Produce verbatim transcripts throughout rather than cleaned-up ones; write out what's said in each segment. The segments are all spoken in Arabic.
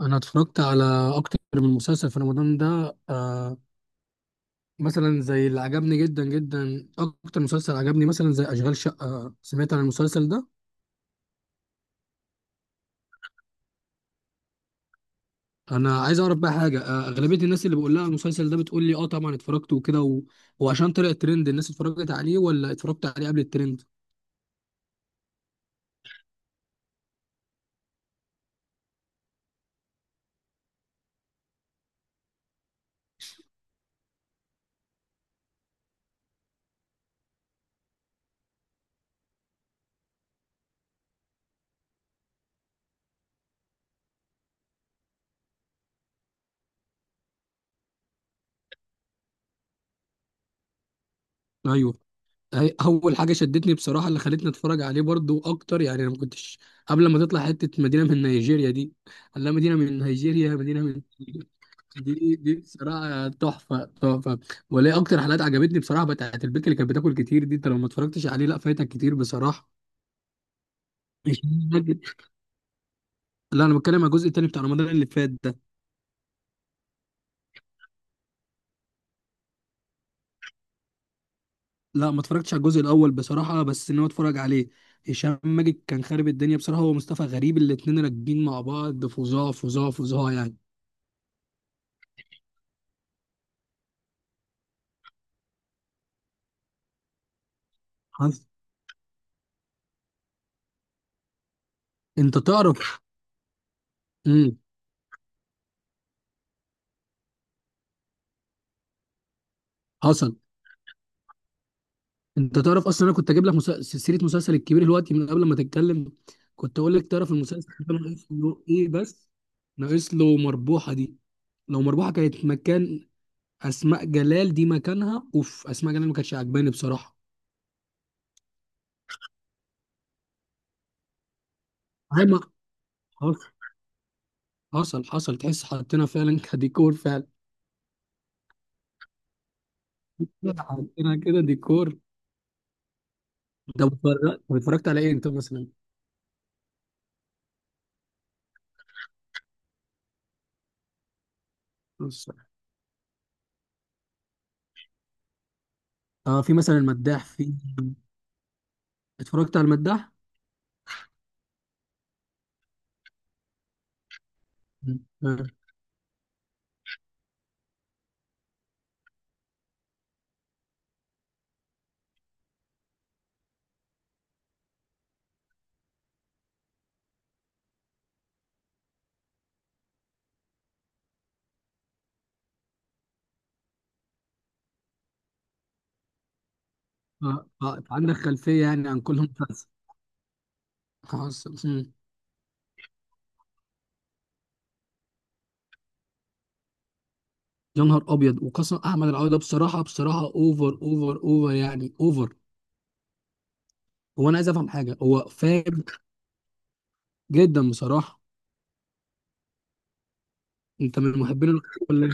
انا اتفرجت على اكتر من مسلسل في رمضان ده، آه مثلا زي اللي عجبني جدا جدا. اكتر مسلسل عجبني مثلا زي اشغال شقة. سمعت عن المسلسل ده؟ انا عايز اعرف بقى حاجة، آه اغلبية الناس اللي بقول لها المسلسل ده بتقول لي اه طبعا اتفرجت وكده و... وعشان طلع ترند الناس اتفرجت عليه ولا اتفرجت عليه قبل الترند؟ ايوه. هي- اول حاجة شدتني بصراحة اللي خلتني اتفرج عليه برضو اكتر، يعني انا ما كنتش قبل ما تطلع حتة مدينة من نيجيريا دي. لا مدينة من نيجيريا، مدينة من... دي دي بصراحة تحفة تحفة. وليه أكتر حلقات عجبتني بصراحة بتاعت البنت اللي كانت بتاكل كتير دي. أنت لو ما اتفرجتش عليه لا، فايتك كتير بصراحة. مش فاكر. لا، أنا بتكلم على الجزء التاني بتاع رمضان اللي فات ده. لا، ما اتفرجتش على الجزء الأول بصراحة، بس إن هو اتفرج عليه. هشام ماجد كان خارب الدنيا بصراحة، هو مصطفى غريب، الاتنين راكبين مع بعض فظاع فظاع فظاع يعني. حصل. أنت تعرف؟ امم حصل. انت تعرف اصلا انا كنت اجيب لك مسل... سيره مسلسل الكبير دلوقتي من قبل ما تتكلم. كنت اقول لك، تعرف المسلسل ده ناقص له ايه بس؟ ناقص له مربوحه دي. لو مربوحه كانت مكان اسماء جلال، دي مكانها اوف. اسماء جلال ما كانتش عجباني بصراحه. هاي ما. حصل. حصل. حصل. تحس حطينا فعلا كديكور، فعلا حطينا كده ديكور. ده اتفرجت اتفرجت على ايه انت مثلا؟ بص. اه، في مثلا المداح. في اتفرجت على المداح. مم. آه. آه. آه. عندك خلفيه يعني عن كل مسلسل؟ حصل. مم. يا نهار ابيض، وقسم احمد العوضي ده بصراحه بصراحه اوفر اوفر اوفر، يعني اوفر. هو انا عايز افهم حاجه، هو فاهم جدا بصراحه. انت من محبين الكورة ولا إيه؟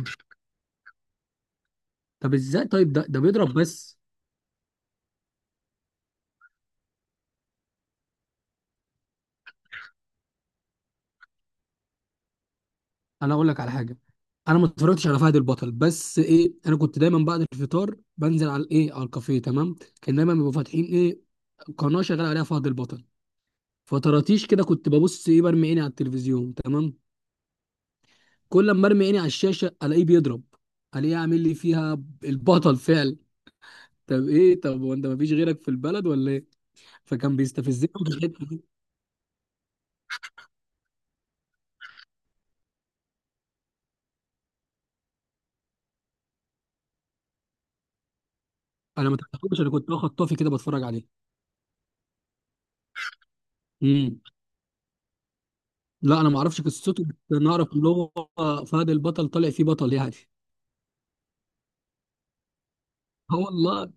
طب ازاي طيب؟ ده ده بيضرب بس. انا اقول لك على حاجه، انا ما اتفرجتش على فهد البطل، بس ايه، انا كنت دايما بعد الفطار بنزل على الايه، على الكافيه تمام. كان دايما بيبقوا فاتحين ايه، قناه شغال عليها فهد البطل. فطراتيش كده كنت ببص ايه، برمي عيني على التلفزيون تمام. كل لما ارمي عيني على الشاشه الاقيه بيضرب، الاقيه عامل لي فيها البطل فعل. طب ايه، طب وانت ما فيش غيرك في البلد ولا ايه؟ فكان بيستفزني في الحته دي. انا ما تعرفوش، انا كنت واخد طافي كده بتفرج عليه. امم. لا، انا ما اعرفش قصته، بس انا اعرف ان هو فهد البطل طالع فيه بطل يعني. اه والله.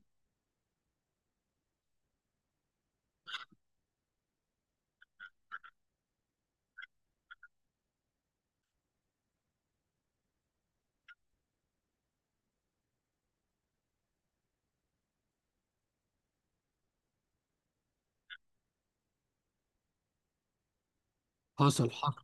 حصل. حصل.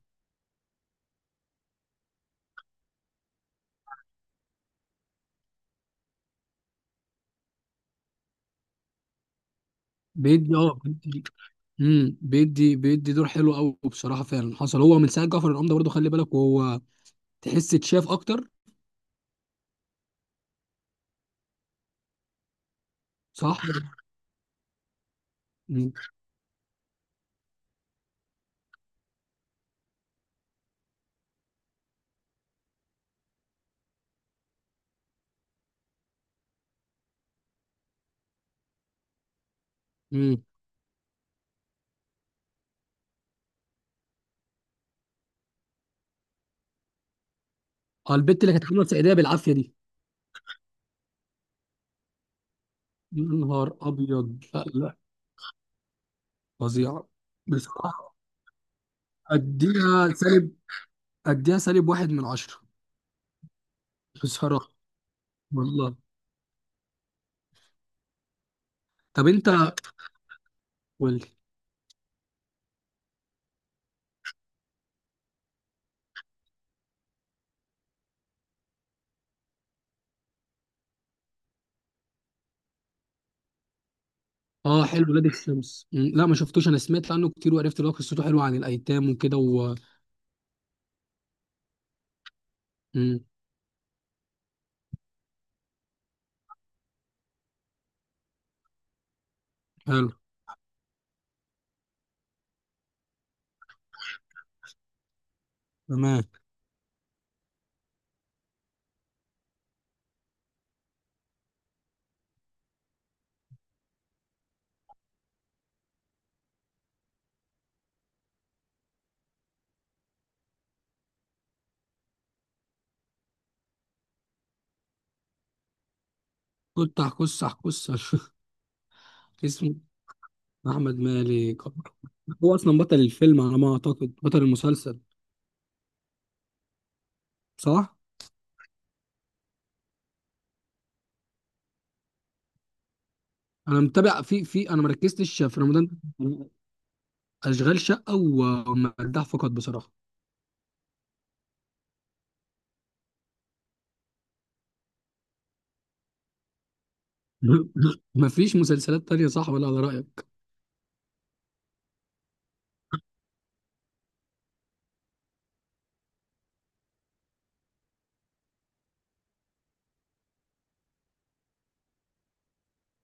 بيدي، اه، بيدي. امم بيدي بيدي دور حلو قوي بصراحه فعلا. حصل. هو من ساعه جعفر العمده برضه خلي بالك، وهو تحس اتشاف اكتر. صح. امم امم اه، البت اللي كانت عامله سعيديه بالعافيه دي. يا نهار ابيض، لا لا، فظيعه بصراحه. اديها سالب، اديها سالب واحد من عشره بصراحه والله. طب انت، قول لي. اه، حلو ولاد الشمس. مم، لا ما شفتوش. انا سمعت عنه كتير وعرفت ان هو قصته حلوه عن الايتام وكده و... مم. حلو. تمام. كنت هكس هكس. اسمه احمد مالك. هو اصلا بطل الفيلم على ما اعتقد، بطل المسلسل. صح. انا متابع في في انا ما ركزتش في رمضان، اشغال شقه و- والمداح فقط بصراحه. مفيش مسلسلات تانية، صح؟ ولا على رأيك.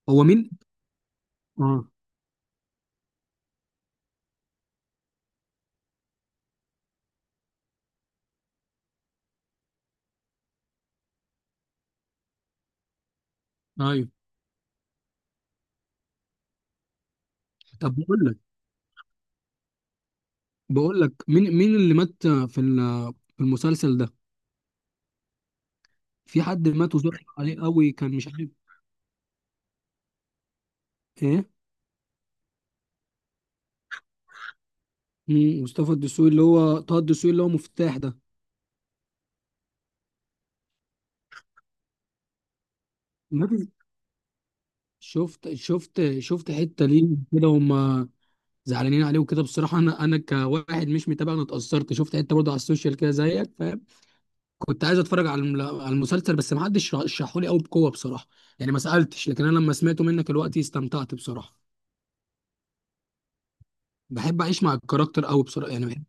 هو مين؟ اه. ايوه. طب بقول لك بقول لك مين مين اللي مات في ال- في المسلسل ده؟ في حد مات وزعل عليه قوي، كان مش عارف ايه. مم، مصطفى الدسوقي اللي هو طه الدسوقي اللي هو مفتاح ده. مات. شفت، شفت، شفت حتة ليه كده؟ هم زعلانين عليه وكده بصراحة. انا انا كواحد مش متابع، انا اتأثرت. شفت حتة برضه على السوشيال كده زيك. كنت عايز اتفرج على الم- على المسلسل، بس ما حدش رشحه لي قوي بقوه بصراحه، يعني ما سالتش. لكن انا لما سمعته منك دلوقتي استمتعت بصراحه. بحب اعيش مع الكاركتر قوي بصراحه، يعني بحب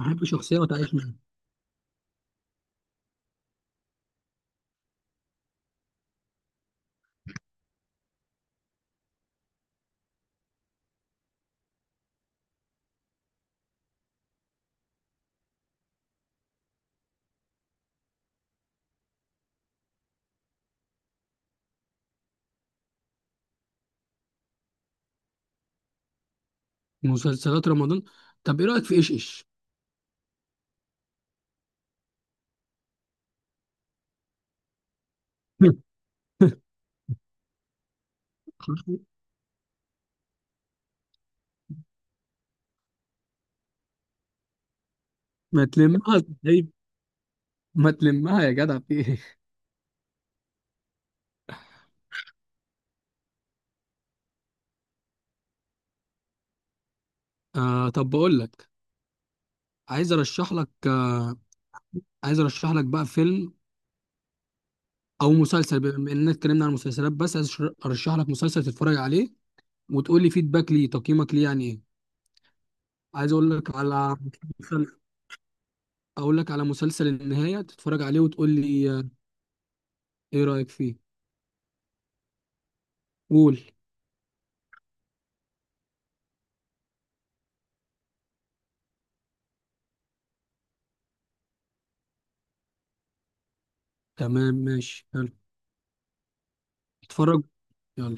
احب شخصيه وتعيش معاها. مسلسلات رمضان. طب ايه رايك في ايش ايش؟ ما تلمها طيب. ما تلمها يا جدع، في ايه! آه، طب بقول لك، عايز ارشح لك آه، عايز ارشح لك بقى فيلم او مسلسل. بما اننا اتكلمنا عن المسلسلات، بس عايز أشر- ارشح لك مسلسل تتفرج عليه وتقول لي فيدباك ليه، تقييمك ليه يعني ايه. عايز اقول لك على مسلسل، اقول لك على مسلسل النهاية، تتفرج عليه وتقول لي آه، ايه رأيك فيه. قول. تمام ماشي، يلا. اتفرج. يلا.